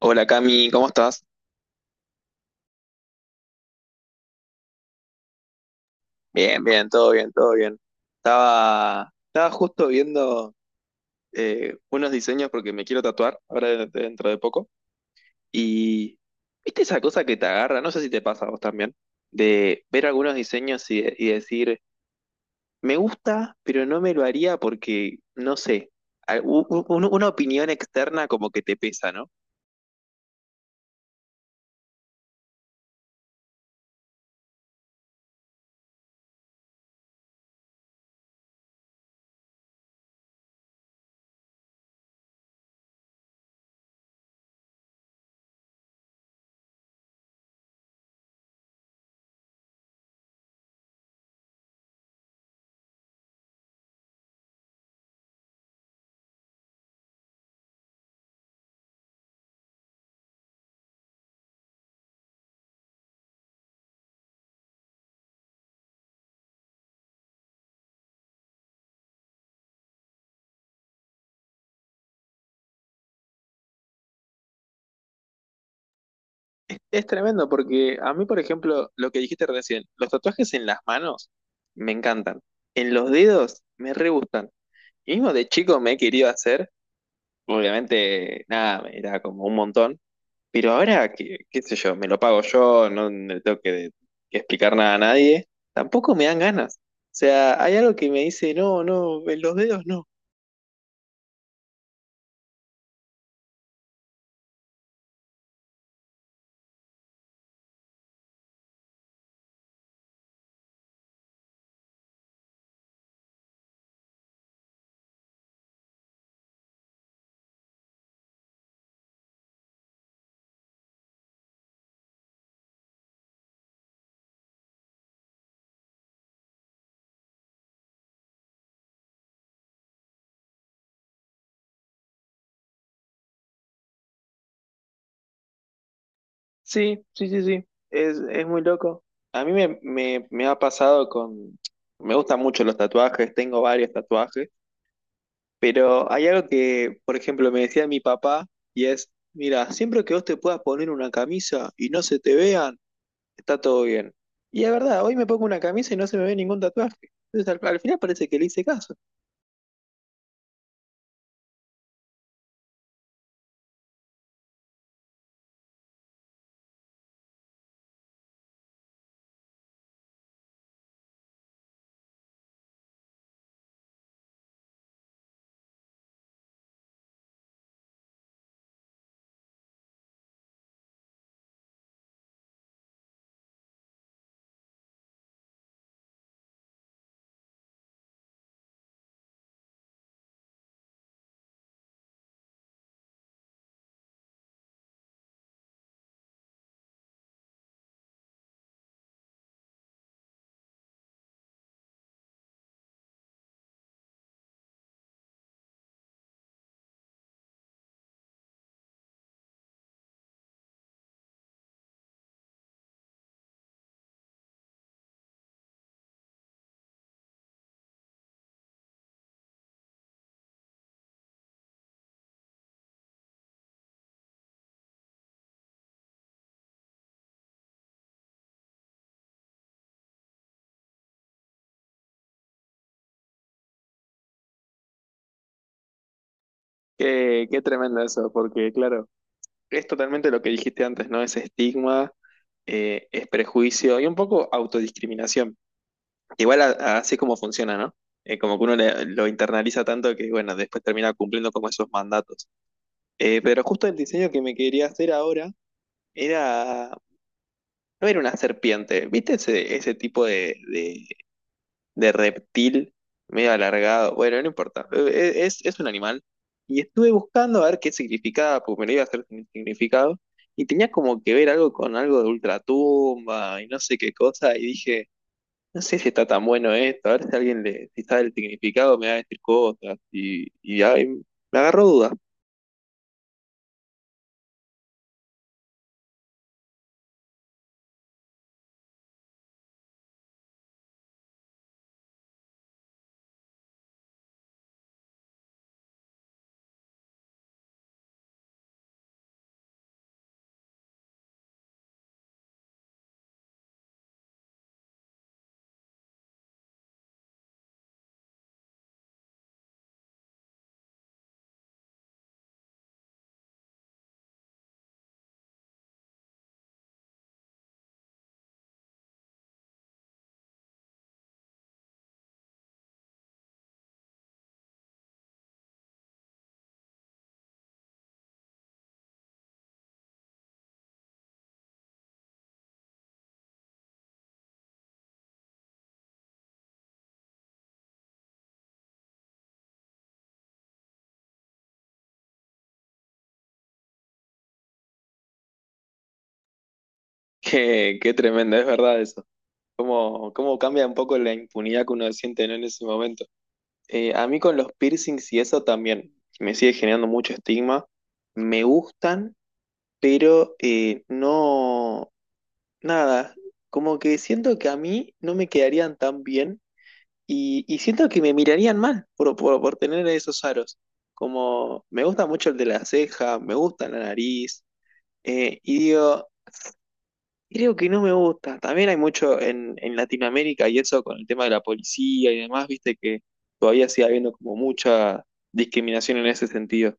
Hola Cami, ¿cómo estás? Bien, bien, todo bien, todo bien. Estaba justo viendo unos diseños porque me quiero tatuar ahora dentro de poco. Y viste esa cosa que te agarra, no sé si te pasa a vos también, de ver algunos diseños y decir, me gusta, pero no me lo haría porque, no sé, una opinión externa como que te pesa, ¿no? Es tremendo porque a mí, por ejemplo, lo que dijiste recién, los tatuajes en las manos me encantan, en los dedos me re gustan. Y mismo de chico me he querido hacer, obviamente, nada, me era como un montón, pero ahora, qué, qué sé yo, me lo pago yo, no le tengo que explicar nada a nadie, tampoco me dan ganas. O sea, hay algo que me dice, no, no, en los dedos no. Sí, sí, sí, sí. Es muy loco. A mí me ha pasado con... Me gustan mucho los tatuajes, tengo varios tatuajes, pero hay algo que, por ejemplo, me decía mi papá y es, mira, siempre que vos te puedas poner una camisa y no se te vean, está todo bien. Y es verdad, hoy me pongo una camisa y no se me ve ningún tatuaje. Entonces al final parece que le hice caso. Qué, qué tremendo eso, porque claro, es totalmente lo que dijiste antes, ¿no? Es estigma, es prejuicio y un poco autodiscriminación. Igual así es como funciona, ¿no? Como que uno lo internaliza tanto que, bueno, después termina cumpliendo como esos mandatos. Pero justo el diseño que me quería hacer ahora era, no era una serpiente, ¿viste ese tipo de reptil medio alargado? Bueno, no importa. Es un animal. Y estuve buscando a ver qué significaba, porque me lo iba a hacer sin significado, y tenía como que ver algo con algo de ultratumba y no sé qué cosa, y dije... No sé si está tan bueno esto, a ver si alguien le, si sabe el significado me va a decir cosas y ahí me agarró duda. Qué, qué tremendo, es verdad eso. Cómo, cómo cambia un poco la impunidad que uno siente, ¿no? En ese momento. A mí con los piercings y eso también me sigue generando mucho estigma. Me gustan, pero no, nada, como que siento que a mí no me quedarían tan bien. Y siento que me mirarían mal por tener esos aros. Como me gusta mucho el de la ceja, me gusta la nariz. Y digo, creo que no me gusta. También hay mucho en Latinoamérica y eso con el tema de la policía y demás, viste que todavía sigue habiendo como mucha discriminación en ese sentido.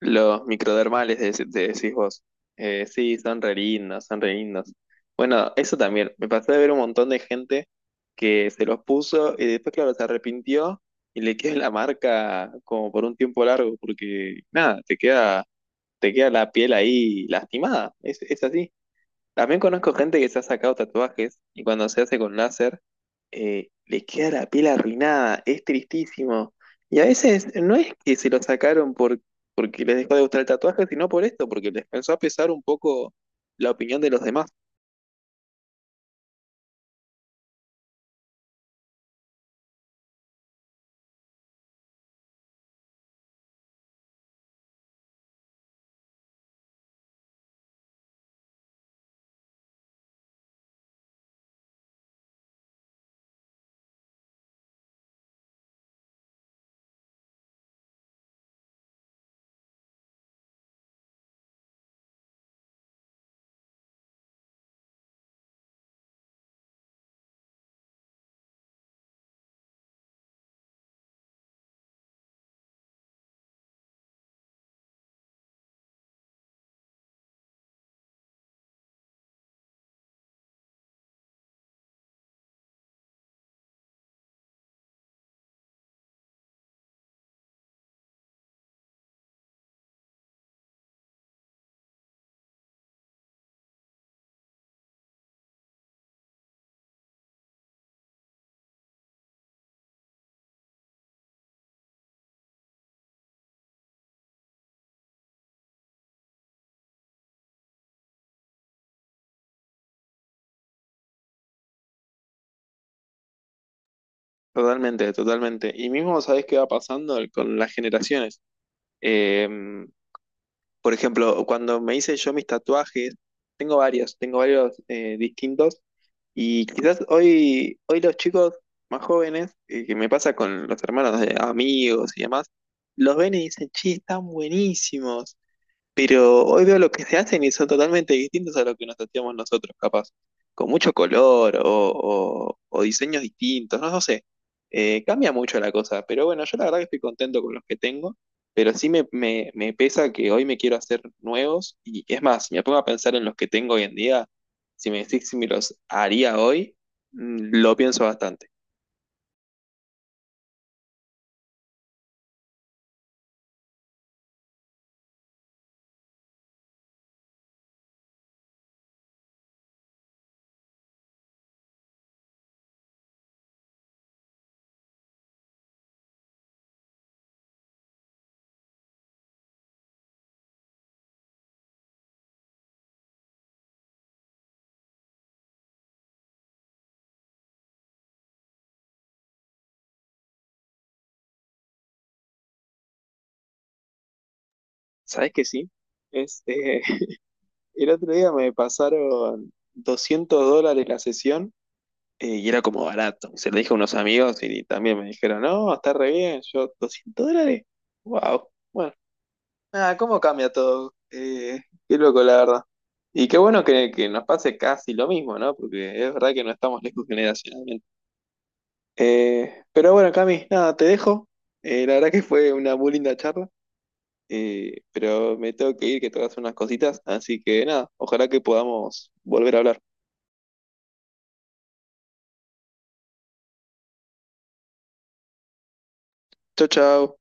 Los microdermales, decís vos. Sí, son re lindos, son re lindos. Bueno, eso también. Me pasé de ver un montón de gente que se los puso y después, claro, se arrepintió y le queda la marca como por un tiempo largo, porque nada, te queda la piel ahí lastimada. Es así. También conozco gente que se ha sacado tatuajes y cuando se hace con láser, le queda la piel arruinada, es tristísimo. Y a veces no es que se lo sacaron porque les dejó de gustar el tatuaje, sino por esto, porque les pensó a pesar un poco la opinión de los demás. Totalmente, totalmente. Y mismo sabés qué va pasando con las generaciones. Eh, Por ejemplo, cuando me hice yo mis tatuajes, tengo varios distintos. Y quizás hoy los chicos más jóvenes, que me pasa con los hermanos de amigos y demás, los ven y dicen, che, están buenísimos. Pero hoy veo lo que se hacen y son totalmente distintos a lo que nos hacíamos nosotros, capaz. Con mucho color o diseños distintos, no, no sé. Cambia mucho la cosa, pero bueno, yo la verdad que estoy contento con los que tengo, pero sí me pesa que hoy me quiero hacer nuevos y es más, si me pongo a pensar en los que tengo hoy en día, si me decís si me los haría hoy, mm, lo pienso bastante. ¿Sabes que sí? Este, el otro día me pasaron 200 dólares la sesión. Y era como barato. Se lo dije a unos amigos y también me dijeron, no, está re bien, yo 200 dólares. Wow. Bueno, nada, ¿cómo cambia todo? Qué loco, la verdad. Y qué bueno que nos pase casi lo mismo, ¿no? Porque es verdad que no estamos lejos generacionalmente. Pero bueno, Cami, nada, te dejo. La verdad que fue una muy linda charla, pero me tengo que ir, que tengo que hacer unas cositas. Así que nada, ojalá que podamos volver a hablar. Chau, chau.